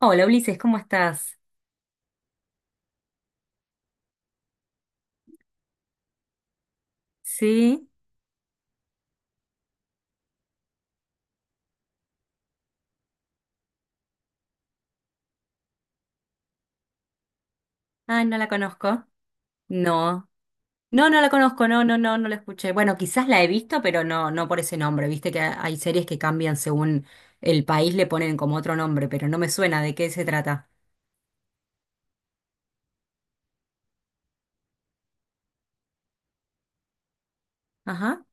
Hola Ulises, ¿cómo estás? Sí. Ah, no la conozco. No. No, no la conozco, no, no, no, no la escuché. Bueno, quizás la he visto, pero no, no por ese nombre. Viste que hay series que cambian según el país, le ponen como otro nombre, pero no me suena de qué se trata. Ajá.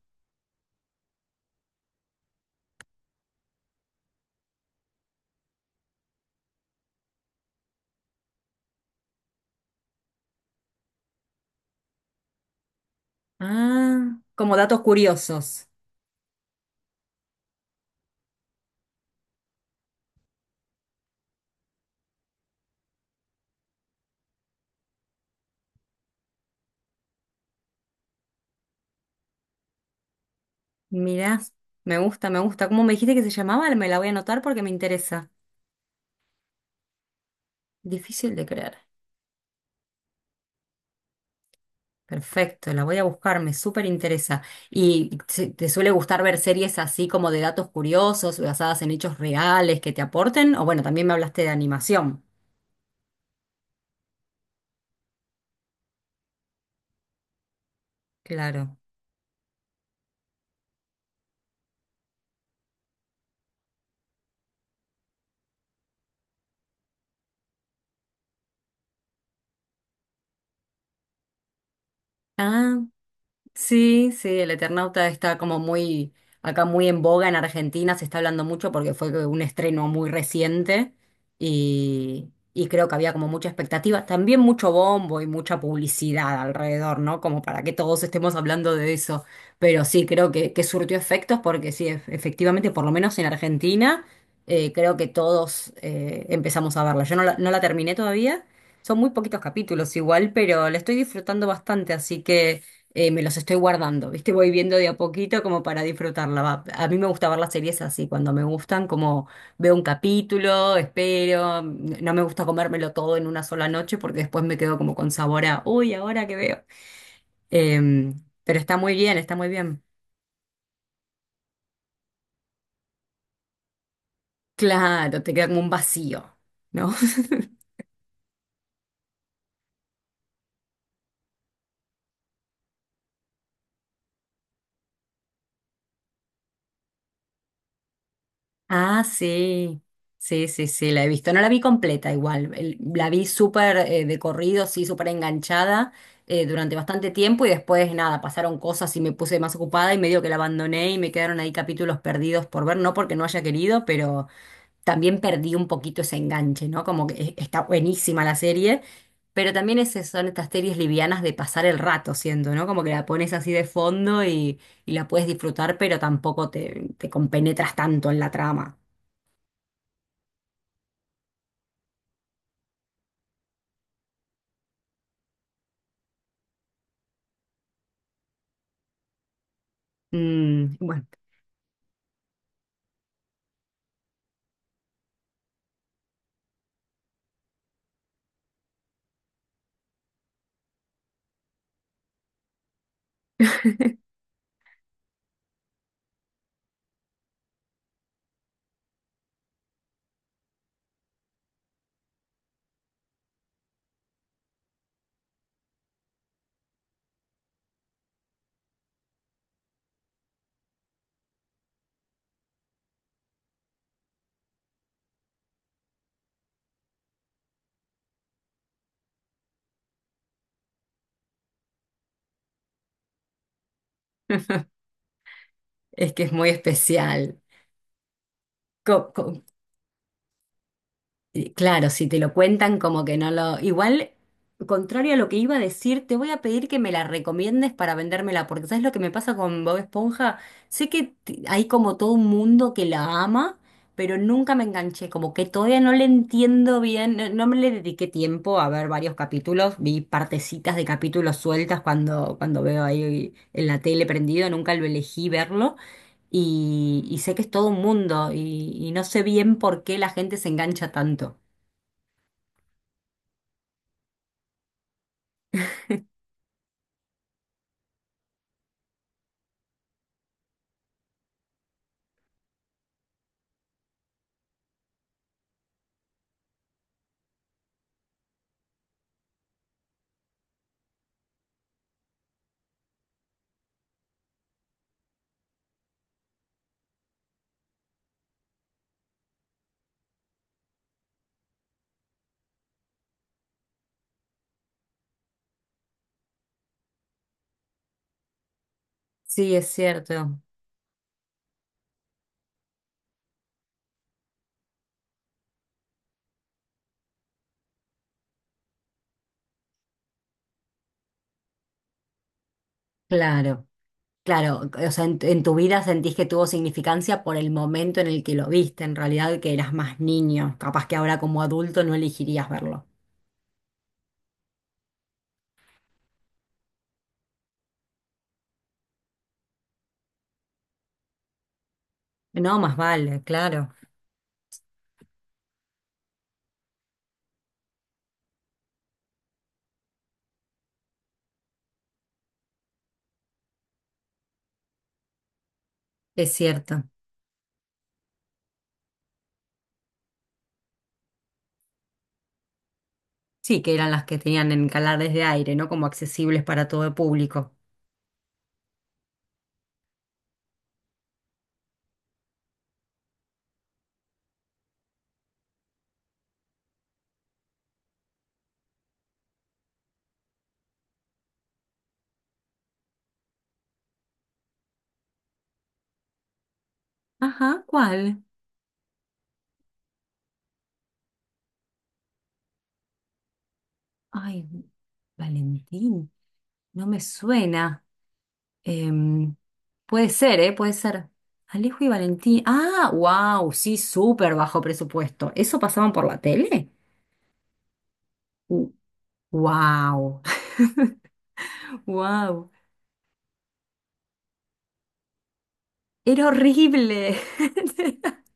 Ah, como datos curiosos. Mirá, me gusta, me gusta. ¿Cómo me dijiste que se llamaba? Me la voy a anotar porque me interesa. Difícil de creer. Perfecto, la voy a buscar, me súper interesa. ¿Y te suele gustar ver series así como de datos curiosos, basadas en hechos reales que te aporten? O bueno, también me hablaste de animación. Claro. Ah, sí, sí, el Eternauta está como muy, acá muy en boga en Argentina, se está hablando mucho porque fue un estreno muy reciente y creo que había como mucha expectativa, también mucho bombo y mucha publicidad alrededor, ¿no? Como para que todos estemos hablando de eso, pero sí, creo que surtió efectos porque sí, efectivamente, por lo menos en Argentina, creo que todos empezamos a verla. Yo no la, no la terminé todavía, son muy poquitos capítulos igual, pero la estoy disfrutando bastante, así que me los estoy guardando, ¿viste? Voy viendo de a poquito como para disfrutarla. Va. A mí me gusta ver las series así, cuando me gustan, como veo un capítulo, espero, no me gusta comérmelo todo en una sola noche porque después me quedo como con sabor a, uy, ahora que veo. Em, pero está muy bien, está muy bien. Claro, te queda como un vacío, ¿no? Ah, sí, sí, sí, sí, la he visto. No la vi completa igual, la vi súper de corrido, sí, súper enganchada durante bastante tiempo y después nada, pasaron cosas y me puse más ocupada y medio que la abandoné y me quedaron ahí capítulos perdidos por ver, no porque no haya querido, pero también perdí un poquito ese enganche, ¿no? Como que está buenísima la serie, pero también esas son estas series livianas de pasar el rato, siendo, ¿no? Como que la pones así de fondo y la puedes disfrutar, pero tampoco te, te compenetras tanto en la trama. Mm, bueno, es que es muy especial. Co- co- y claro, si te lo cuentan como que no lo... Igual, contrario a lo que iba a decir, te voy a pedir que me la recomiendes para vendérmela, porque ¿sabes lo que me pasa con Bob Esponja? Sé que hay como todo un mundo que la ama, pero nunca me enganché, como que todavía no le entiendo bien, no, no me le dediqué tiempo a ver varios capítulos, vi partecitas de capítulos sueltas cuando, cuando veo ahí en la tele prendido, nunca lo elegí verlo. Y, y sé que es todo un mundo y no sé bien por qué la gente se engancha tanto. Sí, es cierto. Claro, claro. O sea, en tu vida sentís que tuvo significancia por el momento en el que lo viste, en realidad que eras más niño. Capaz que ahora como adulto no elegirías verlo. No, más vale, claro. Es cierto. Sí, que eran las que tenían en canales de aire, ¿no? Como accesibles para todo el público. Ajá, ¿cuál? Ay, Valentín, no me suena. Em, Puede ser, ¿eh? Puede ser. Alejo y Valentín. Ah, wow, sí, súper bajo presupuesto. ¿Eso pasaban por la tele? Wow, wow. Era horrible.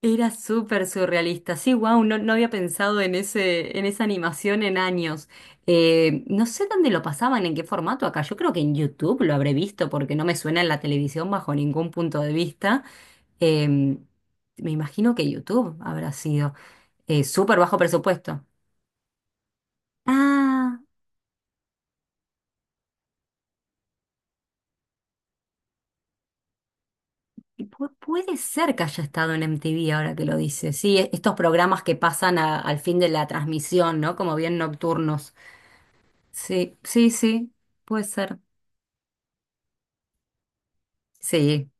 Era súper surrealista. Sí, wow, no, no había pensado en ese, en esa animación en años. No sé dónde lo pasaban, en qué formato acá. Yo creo que en YouTube lo habré visto porque no me suena en la televisión bajo ningún punto de vista. Em, Me imagino que YouTube habrá sido. Súper bajo presupuesto. Ah, y puede ser que haya estado en MTV ahora que lo dice. Sí, estos programas que pasan al fin de la transmisión, ¿no? Como bien nocturnos. Sí, sí, sí, puede ser. Sí.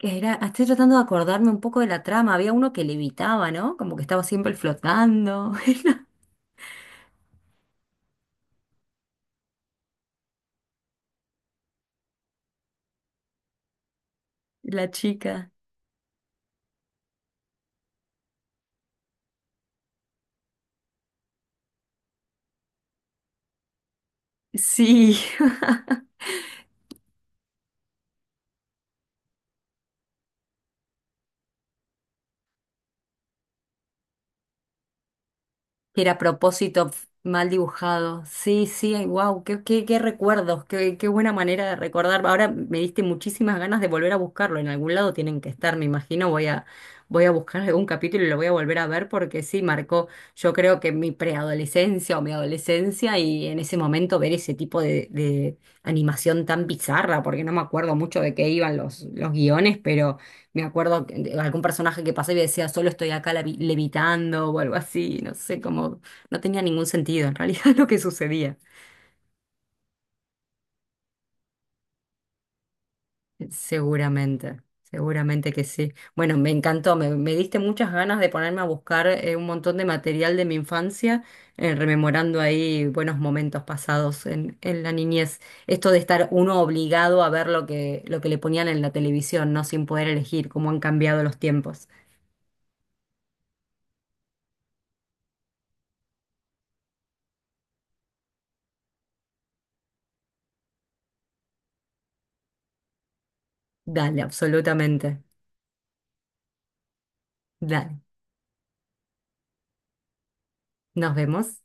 Que era, estoy tratando de acordarme un poco de la trama. Había uno que levitaba, ¿no? Como que estaba siempre flotando. La chica. Sí. Que era a propósito mal dibujado. Sí, sí, wow, qué, qué, qué recuerdos, qué, qué buena manera de recordar. Ahora me diste muchísimas ganas de volver a buscarlo. En algún lado tienen que estar, me imagino. Voy a, voy a buscar algún capítulo y lo voy a volver a ver porque sí, marcó, yo creo que mi preadolescencia o mi adolescencia y en ese momento ver ese tipo de animación tan bizarra, porque no me acuerdo mucho de qué iban los guiones, me acuerdo de algún personaje que pasé y decía, solo estoy acá levitando o algo así, no sé, como no tenía ningún sentido en realidad lo que sucedía. Seguramente, seguramente que sí. Bueno, me encantó, me diste muchas ganas de ponerme a buscar un montón de material de mi infancia, rememorando ahí buenos momentos pasados en la niñez. Esto de estar uno obligado a ver lo que le ponían en la televisión, no sin poder elegir cómo han cambiado los tiempos. Dale, absolutamente. Dale. Nos vemos.